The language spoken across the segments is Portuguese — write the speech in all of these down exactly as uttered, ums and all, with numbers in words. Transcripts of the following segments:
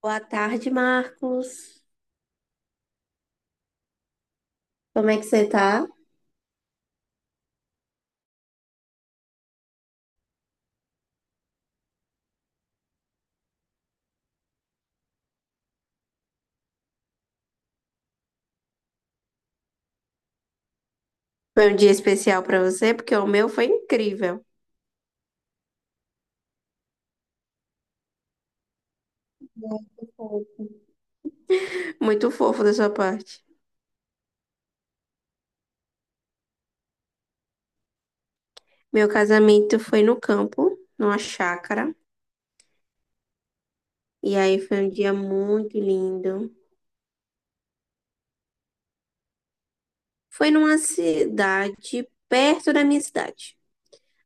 Boa tarde, Marcos. Como é que você tá? Foi um dia especial pra você, porque o meu foi incrível. Bom, muito fofo da sua parte. Meu casamento foi no campo, numa chácara, e aí foi um dia muito lindo. Foi numa cidade perto da minha cidade.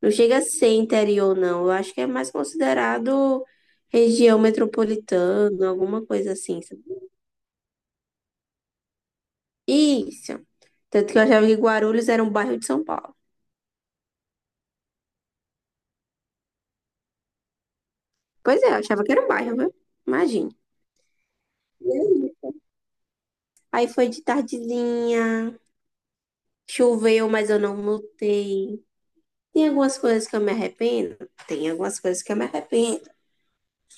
Não chega a ser interior, não. Eu acho que é mais considerado região metropolitana, alguma coisa assim, sabe? Isso. Tanto que eu achava que Guarulhos era um bairro de São Paulo. Pois é, eu achava que era um bairro, viu? Imagina. E aí Aí foi de tardezinha, choveu, mas eu não notei. Tem algumas coisas que eu me arrependo? Tem algumas coisas que eu me arrependo.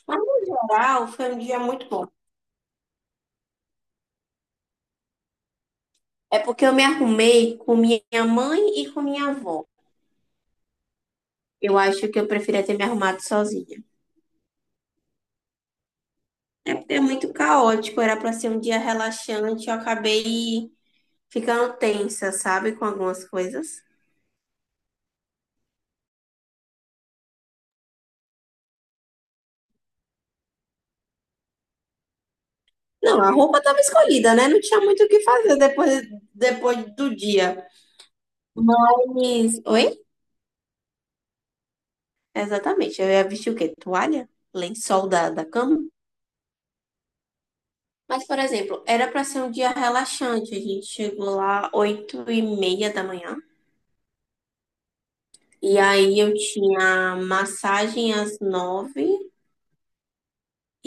Mas, no geral, foi um dia muito bom. É porque eu me arrumei com minha mãe e com minha avó. Eu acho que eu preferia ter me arrumado sozinha. É porque é muito caótico, era para ser um dia relaxante, eu acabei ficando tensa, sabe, com algumas coisas. Não, a roupa estava escolhida, né? Não tinha muito o que fazer depois, depois do dia. Mas. Oi? Exatamente. Eu ia vestir o quê? Toalha? Lençol da, da cama? Mas, por exemplo, era para ser um dia relaxante. A gente chegou lá oito e meia da manhã. E aí eu tinha massagem às nove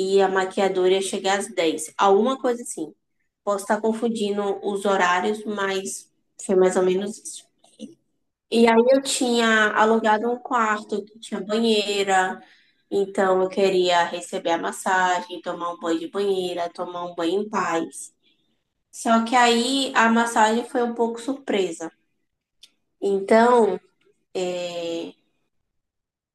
e a maquiadora ia chegar às dez. Alguma coisa assim. Posso estar confundindo os horários, mas foi mais ou menos isso. E aí eu tinha alugado um quarto que tinha banheira, então eu queria receber a massagem, tomar um banho de banheira, tomar um banho em paz. Só que aí a massagem foi um pouco surpresa. Então, eh,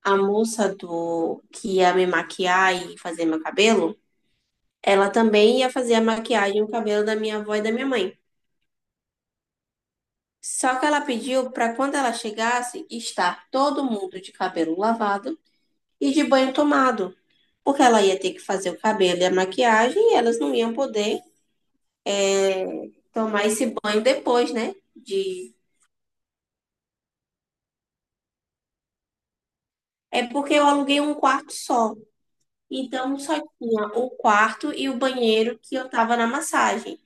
a moça do que ia me maquiar e fazer meu cabelo, ela também ia fazer a maquiagem e o cabelo da minha avó e da minha mãe. Só que ela pediu para quando ela chegasse, estar todo mundo de cabelo lavado e de banho tomado, porque ela ia ter que fazer o cabelo e a maquiagem e elas não iam poder tomar esse banho depois, né? De... É porque eu aluguei um quarto só. Então só tinha o quarto e o banheiro que eu tava na massagem.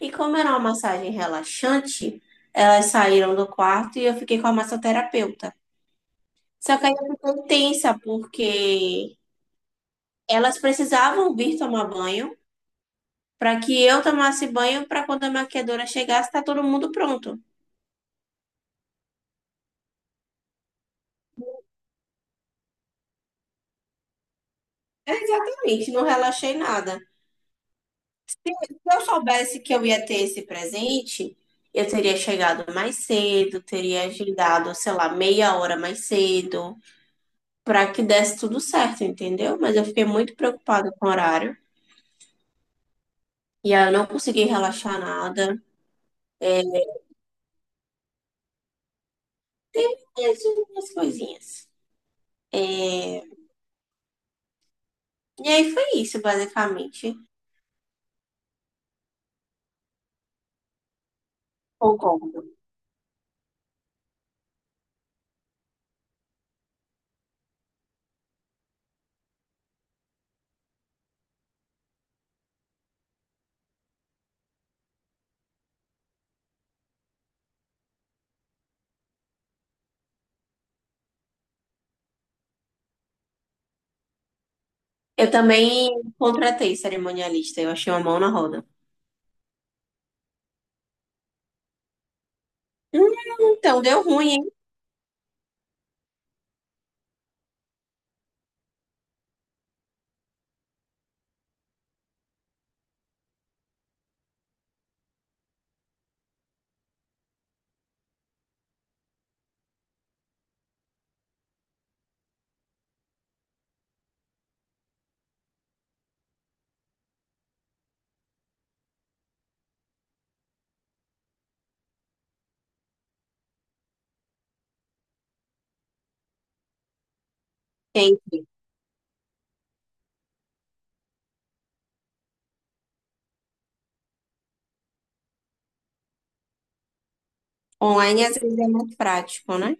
E como era uma massagem relaxante, elas saíram do quarto e eu fiquei com a massoterapeuta. Só que aí eu fiquei tensa, porque elas precisavam vir tomar banho para que eu tomasse banho para quando a maquiadora chegasse, tá todo mundo pronto. É, exatamente, não relaxei nada. Se eu soubesse que eu ia ter esse presente, eu teria chegado mais cedo, teria agendado, sei lá, meia hora mais cedo, para que desse tudo certo, entendeu? Mas eu fiquei muito preocupada com o horário e aí eu não consegui relaxar nada. Teve mais umas coisinhas. E aí foi isso, basicamente. Concordo. Eu também contratei cerimonialista, eu achei uma mão na roda. Hum, então deu ruim, hein? Gente, online às vezes é mais prático, né?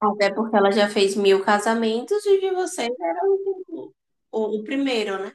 Até porque ela já fez mil casamentos e de vocês era o, o, o primeiro, né?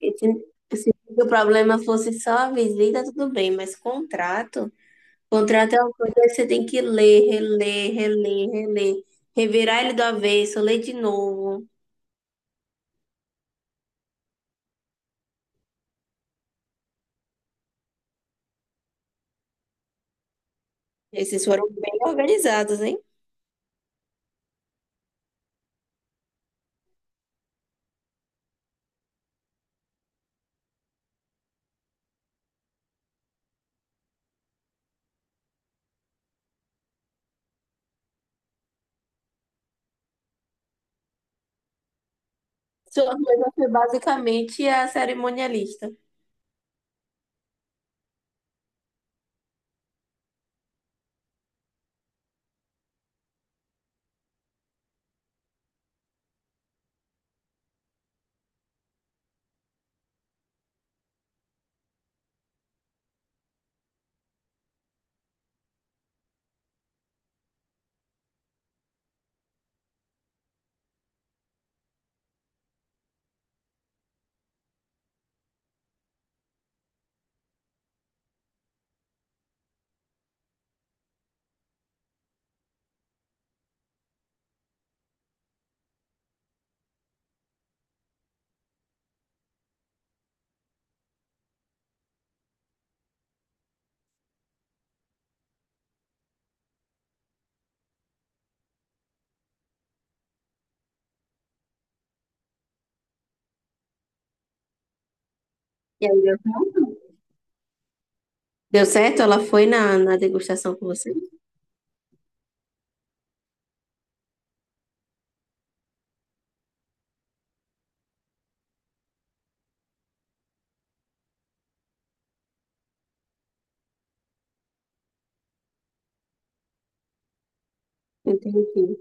E Se, se o problema fosse só a visita, tudo bem, mas contrato, contrato é uma coisa que você tem que ler, reler, reler, reler, revirar ele do avesso, ler de novo. Esses foram bem organizados, hein? Sua coisa foi basicamente a cerimonialista. E aí deu certo? Deu certo? Ela foi na, na degustação com você? Entendi.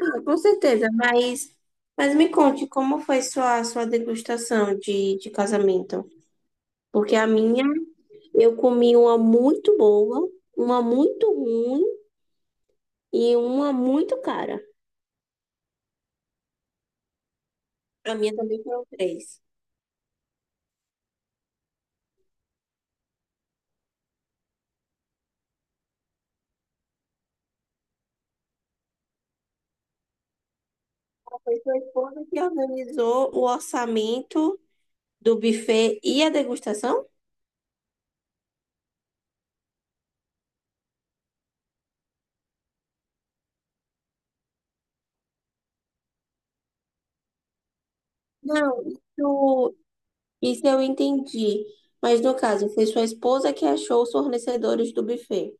Ah, com certeza, mas, mas me conte como foi sua, sua degustação de, de casamento. Porque a minha, eu comi uma muito boa, uma muito ruim e uma muito cara. A minha também foram três. Foi sua esposa que organizou o orçamento do buffet e a degustação? Não, isso, isso eu entendi. Mas no caso, foi sua esposa que achou os fornecedores do buffet.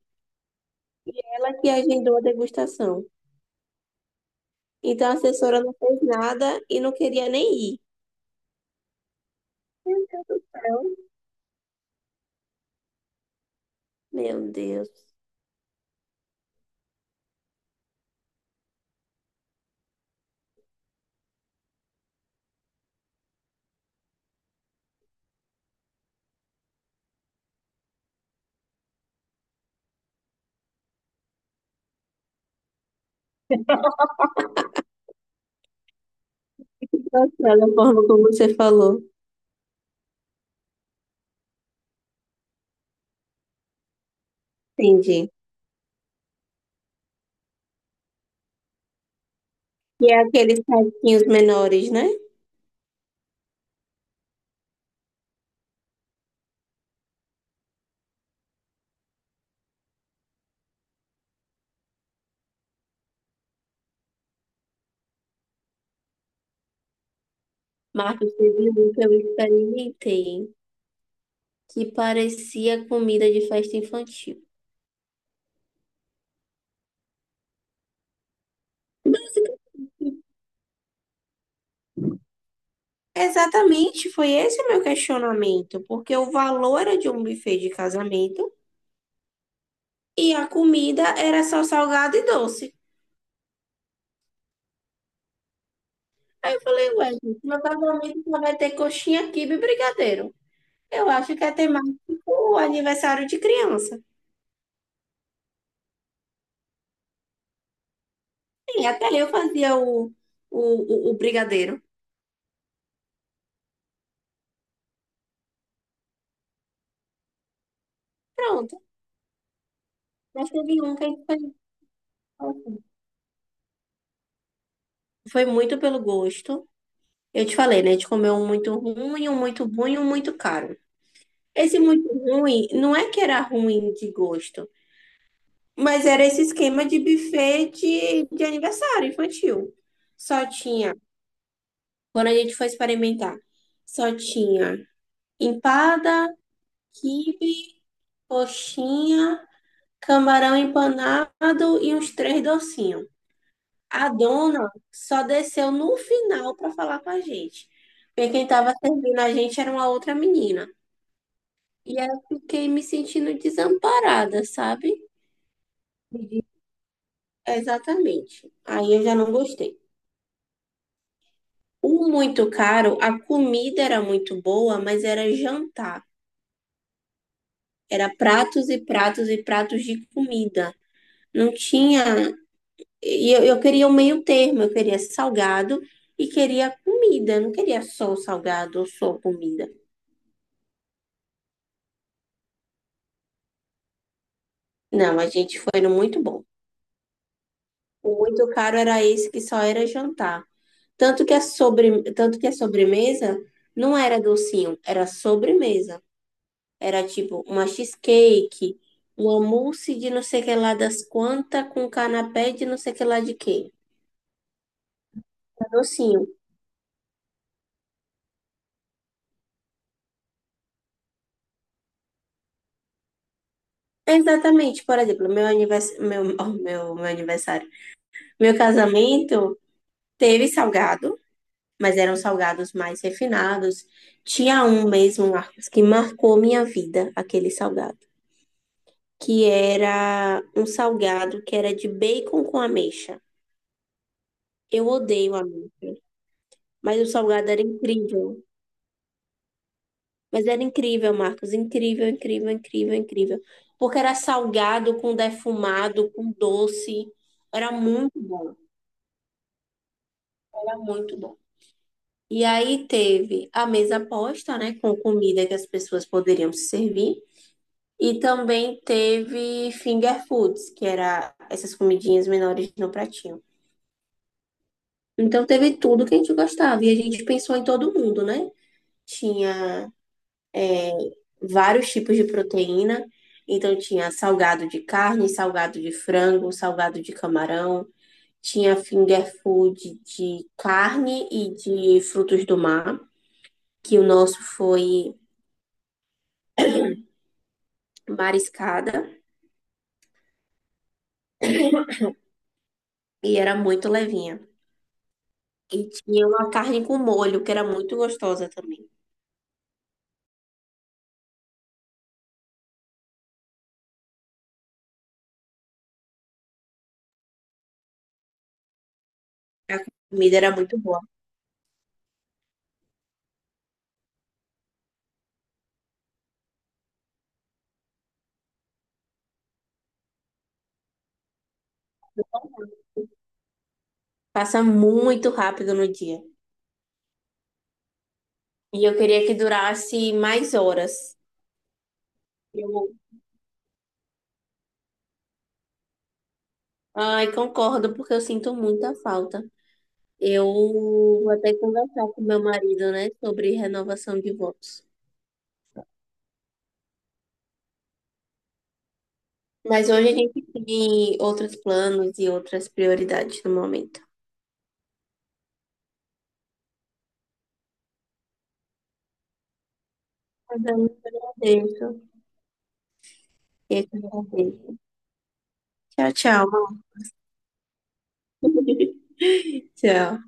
Ela que agendou a degustação. Então a assessora não fez nada e não queria nem ir. Então, meu Deus. Engraçada a forma como você falou. Entendi. E é aqueles saquinhos menores, né? Marcos, teve um que eu experimentei que parecia comida de festa infantil. Exatamente, foi esse o meu questionamento, porque o valor era de um buffet de casamento e a comida era só salgado e doce. Aí eu falei, ué, gente, meu casamento só vai ter coxinha, quibe e brigadeiro. Eu acho que é temático o aniversário de criança. E até eu fazia o, o, o, o brigadeiro. Pronto, mas teve um que a gente fez. Foi muito pelo gosto. Eu te falei, né? A gente comeu um muito ruim, um muito bom e um muito caro. Esse muito ruim, não é que era ruim de gosto, mas era esse esquema de buffet de, de aniversário infantil. Só tinha, quando a gente foi experimentar, só tinha empada, quibe, coxinha, camarão empanado e uns três docinhos. A dona só desceu no final para falar com a gente, porque quem estava servindo a gente era uma outra menina. E aí eu fiquei me sentindo desamparada, sabe? Exatamente. Aí eu já não gostei. O muito caro, a comida era muito boa, mas era jantar. Era pratos e pratos e pratos de comida. Não tinha. E eu, eu queria o meio termo, eu queria salgado e queria comida. Eu não queria só o salgado ou só comida. Não, a gente foi no muito bom. O muito caro era esse que só era jantar. Tanto que a sobre... Tanto que a sobremesa não era docinho, era sobremesa. Era tipo uma cheesecake, uma mousse de não sei que lá das quantas, com canapé de não sei que lá de quê. Era docinho. Exatamente, por exemplo, meu aniversário, meu, oh, meu, meu aniversário, meu casamento teve salgado, mas eram salgados mais refinados. Tinha um mesmo, Marcos, que marcou minha vida, aquele salgado, que era um salgado que era de bacon com ameixa. Eu odeio ameixa, mas o salgado era incrível. Mas era incrível, Marcos, incrível, incrível, incrível, incrível. Porque era salgado, com defumado, com doce. Era muito bom, era muito bom. E aí teve a mesa posta, né, com comida que as pessoas poderiam se servir. E também teve finger foods, que era essas comidinhas menores no pratinho. Então teve tudo que a gente gostava. E a gente pensou em todo mundo, né? Tinha vários tipos de proteína. Então tinha salgado de carne, salgado de frango, salgado de camarão, tinha finger food de carne e de frutos do mar, que o nosso foi mariscada e era muito levinha. E tinha uma carne com molho, que era muito gostosa também. A comida era muito boa. Passa muito rápido no dia. E eu queria que durasse mais horas. Eu, ai, concordo, porque eu sinto muita falta. Eu vou até conversar com meu marido, né, sobre renovação de votos. Mas hoje a gente tem outros planos e outras prioridades no momento. Mas eu muito agradeço. Eu que agradeço. Tchau, tchau. Tchau.